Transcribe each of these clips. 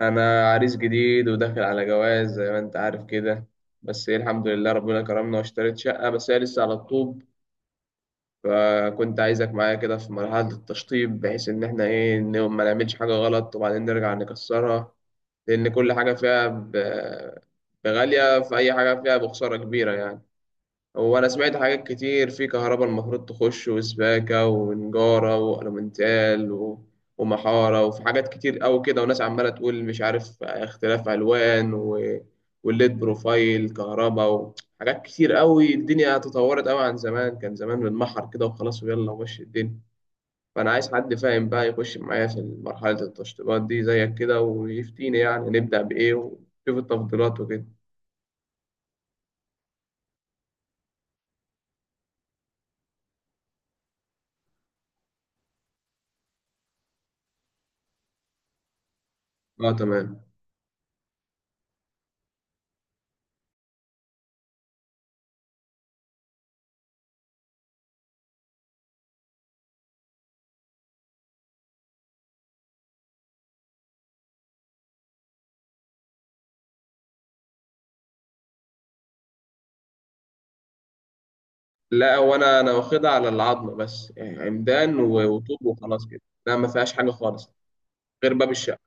انا عريس جديد وداخل على جواز زي ما انت عارف كده. بس ايه، الحمد لله ربنا كرمنا واشتريت شقة، بس هي لسه على الطوب. فكنت عايزك معايا كده في مرحلة التشطيب، بحيث ان احنا ايه إن ما نعملش حاجة غلط وبعدين نرجع نكسرها، لان كل حاجة فيها بغالية، في اي حاجة فيها بخسارة كبيرة يعني. وانا سمعت حاجات كتير، في كهرباء المفروض تخش وسباكة ونجارة وألومنتال ومحارة، وفي حاجات كتير أوي كده، وناس عمالة تقول مش عارف اختلاف ألوان والليد بروفايل كهرباء، وحاجات كتير أوي. الدنيا تطورت أوي عن زمان، كان زمان بنمحر كده وخلاص ويلا ومشي الدنيا. فأنا عايز حد فاهم بقى يخش معايا في مرحلة التشطيبات دي زيك كده، ويفتيني يعني نبدأ بإيه ونشوف التفضيلات وكده. اه تمام. لا، وانا واخدها على العظمه، بس يعني عمدان وطوب وخلاص كده. لا ما فيهاش حاجه خالص غير باب الشقه.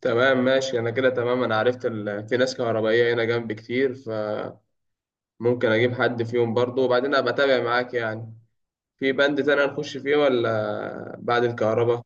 تمام ماشي، انا كده تمام. انا عرفت في ناس كهربائيه هنا جنبي كتير، فممكن اجيب حد فيهم برضه، وبعدين ابقى اتابع معاك يعني. في بند تاني هنخش فيه ولا بعد الكهرباء؟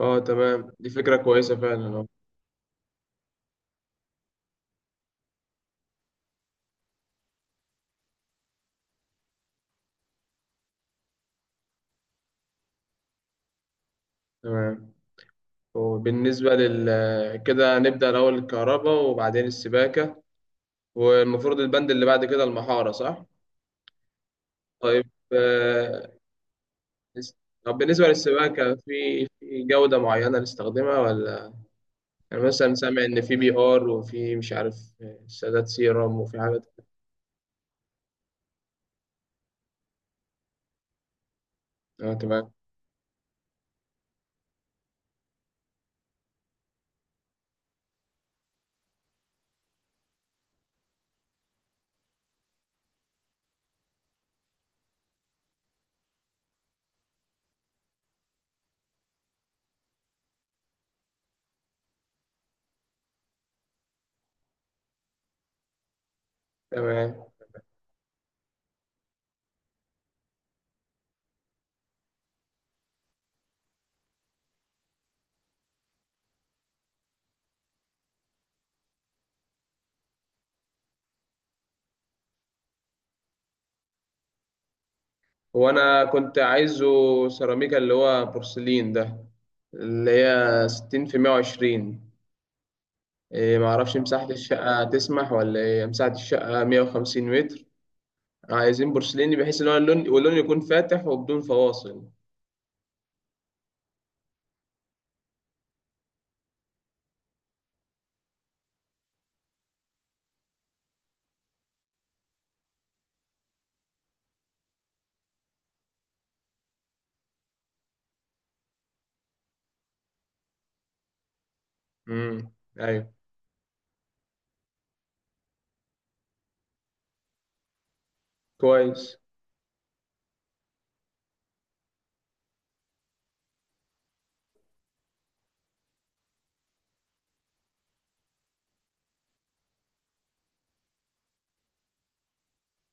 اه تمام، دي فكره كويسه فعلا. اه تمام. وبالنسبه لل كده نبدا الاول الكهرباء وبعدين السباكه، والمفروض البند اللي بعد كده المحاره، صح؟ طيب آه، طب بالنسبة للسباكة، في جودة معينة نستخدمها ولا يعني؟ مثلا سامع إن في بي آر، وفي مش عارف سادات سيرم وفي حاجات. آه تمام تمام. هو أنا كنت عايزه سيراميكا اللي هو بورسلين ده، اللي هي 60 في 120. إيه معرفش مساحة الشقة تسمح ولا إيه، مساحة الشقة 150 متر. عايزين بورسليني بحيث إن هو اللون واللون يكون فاتح وبدون فواصل. امم، أيوه، كويس.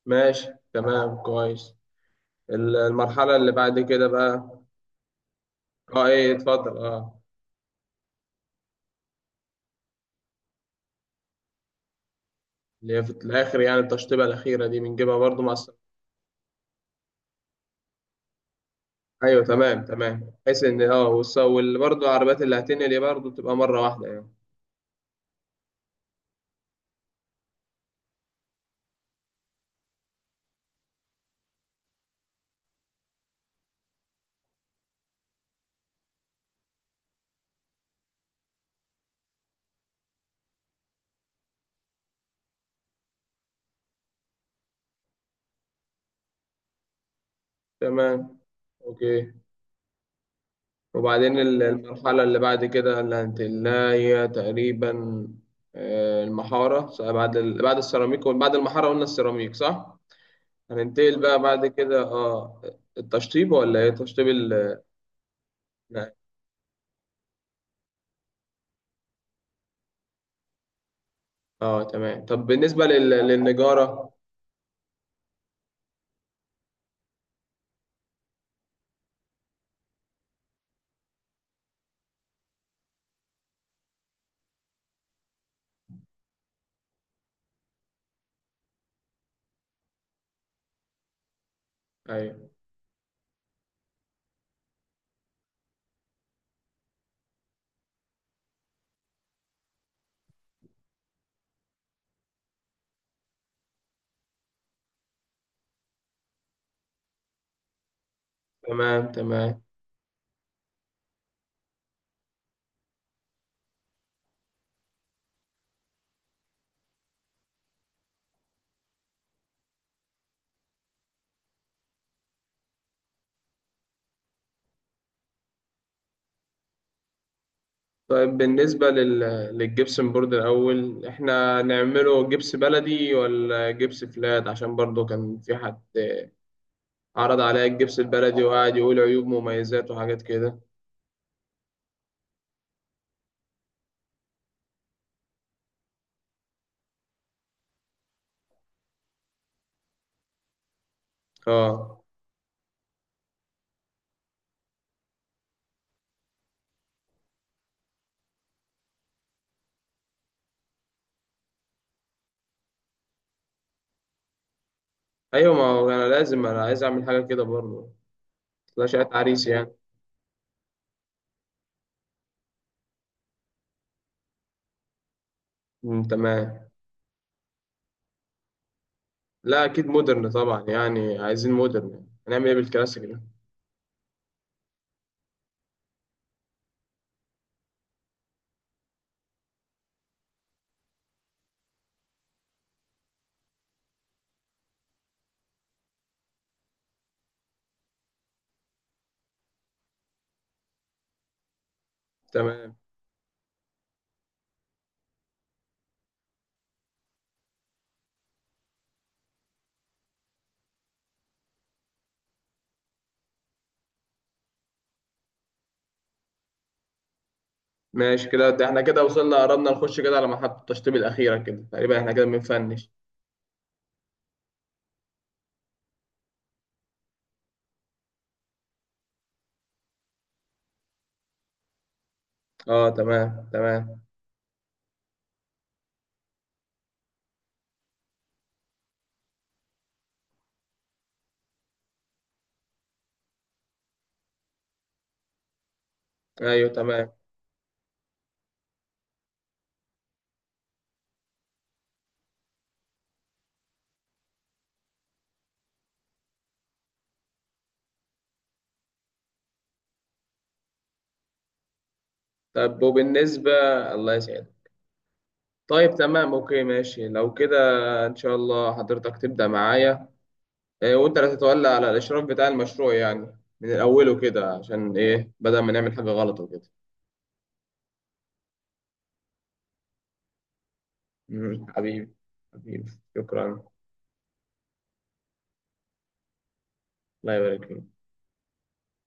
ماشي تمام كويس. المرحلة اللي بعد كده بقى. اه ايه اتفضل. اه اللي هي في الآخر يعني التشطيبة الأخيرة دي بنجيبها برضو مع السرعة؟ أيوه تمام تمام، بحيث إن اه واللي برضو العربيات اللي هتنقل برضو تبقى مرة واحدة يعني. تمام. أوكي. وبعدين المرحلة اللي بعد كده اللي هنتقلها هي تقريبا آه، المحارة بعد بعد السيراميك، بعد المحارة قلنا السيراميك صح؟ هننتقل بقى بعد كده، اه التشطيب ولا ايه، تشطيب اه تمام. طب بالنسبة للنجارة. ايوه تمام تمام. طيب بالنسبة للجبسن بورد الأول، إحنا نعمله جبس بلدي ولا جبس فلات؟ عشان برضو كان في حد عرض عليا الجبس البلدي وقعد يقول عيوب مميزات وحاجات كده. اه. أيوة، ما هو أنا عايز أعمل حاجة كده برضو، لا شقة عريس يعني. أمم، تمام. لا أكيد مودرن طبعا، يعني عايزين مودرن يعني. هنعمل إيه بالكلاسيك ده؟ تمام ماشي كده. ده إحنا كده وصلنا، قربنا نخش كده على محطة التشطيب الأخيرة كده، تقريبا إحنا كده بنفنش. اه تمام تمام. ايوه تمام. طب وبالنسبة. الله يسعدك. طيب تمام اوكي ماشي، لو كده ان شاء الله حضرتك تبدأ معايا، إيه وانت اللي تتولى على الاشراف بتاع المشروع يعني من الاول كده، عشان ايه بدل ما نعمل حاجة غلط وكده. مم، حبيبي. حبيبي. شكرا. الله يبارك فيك.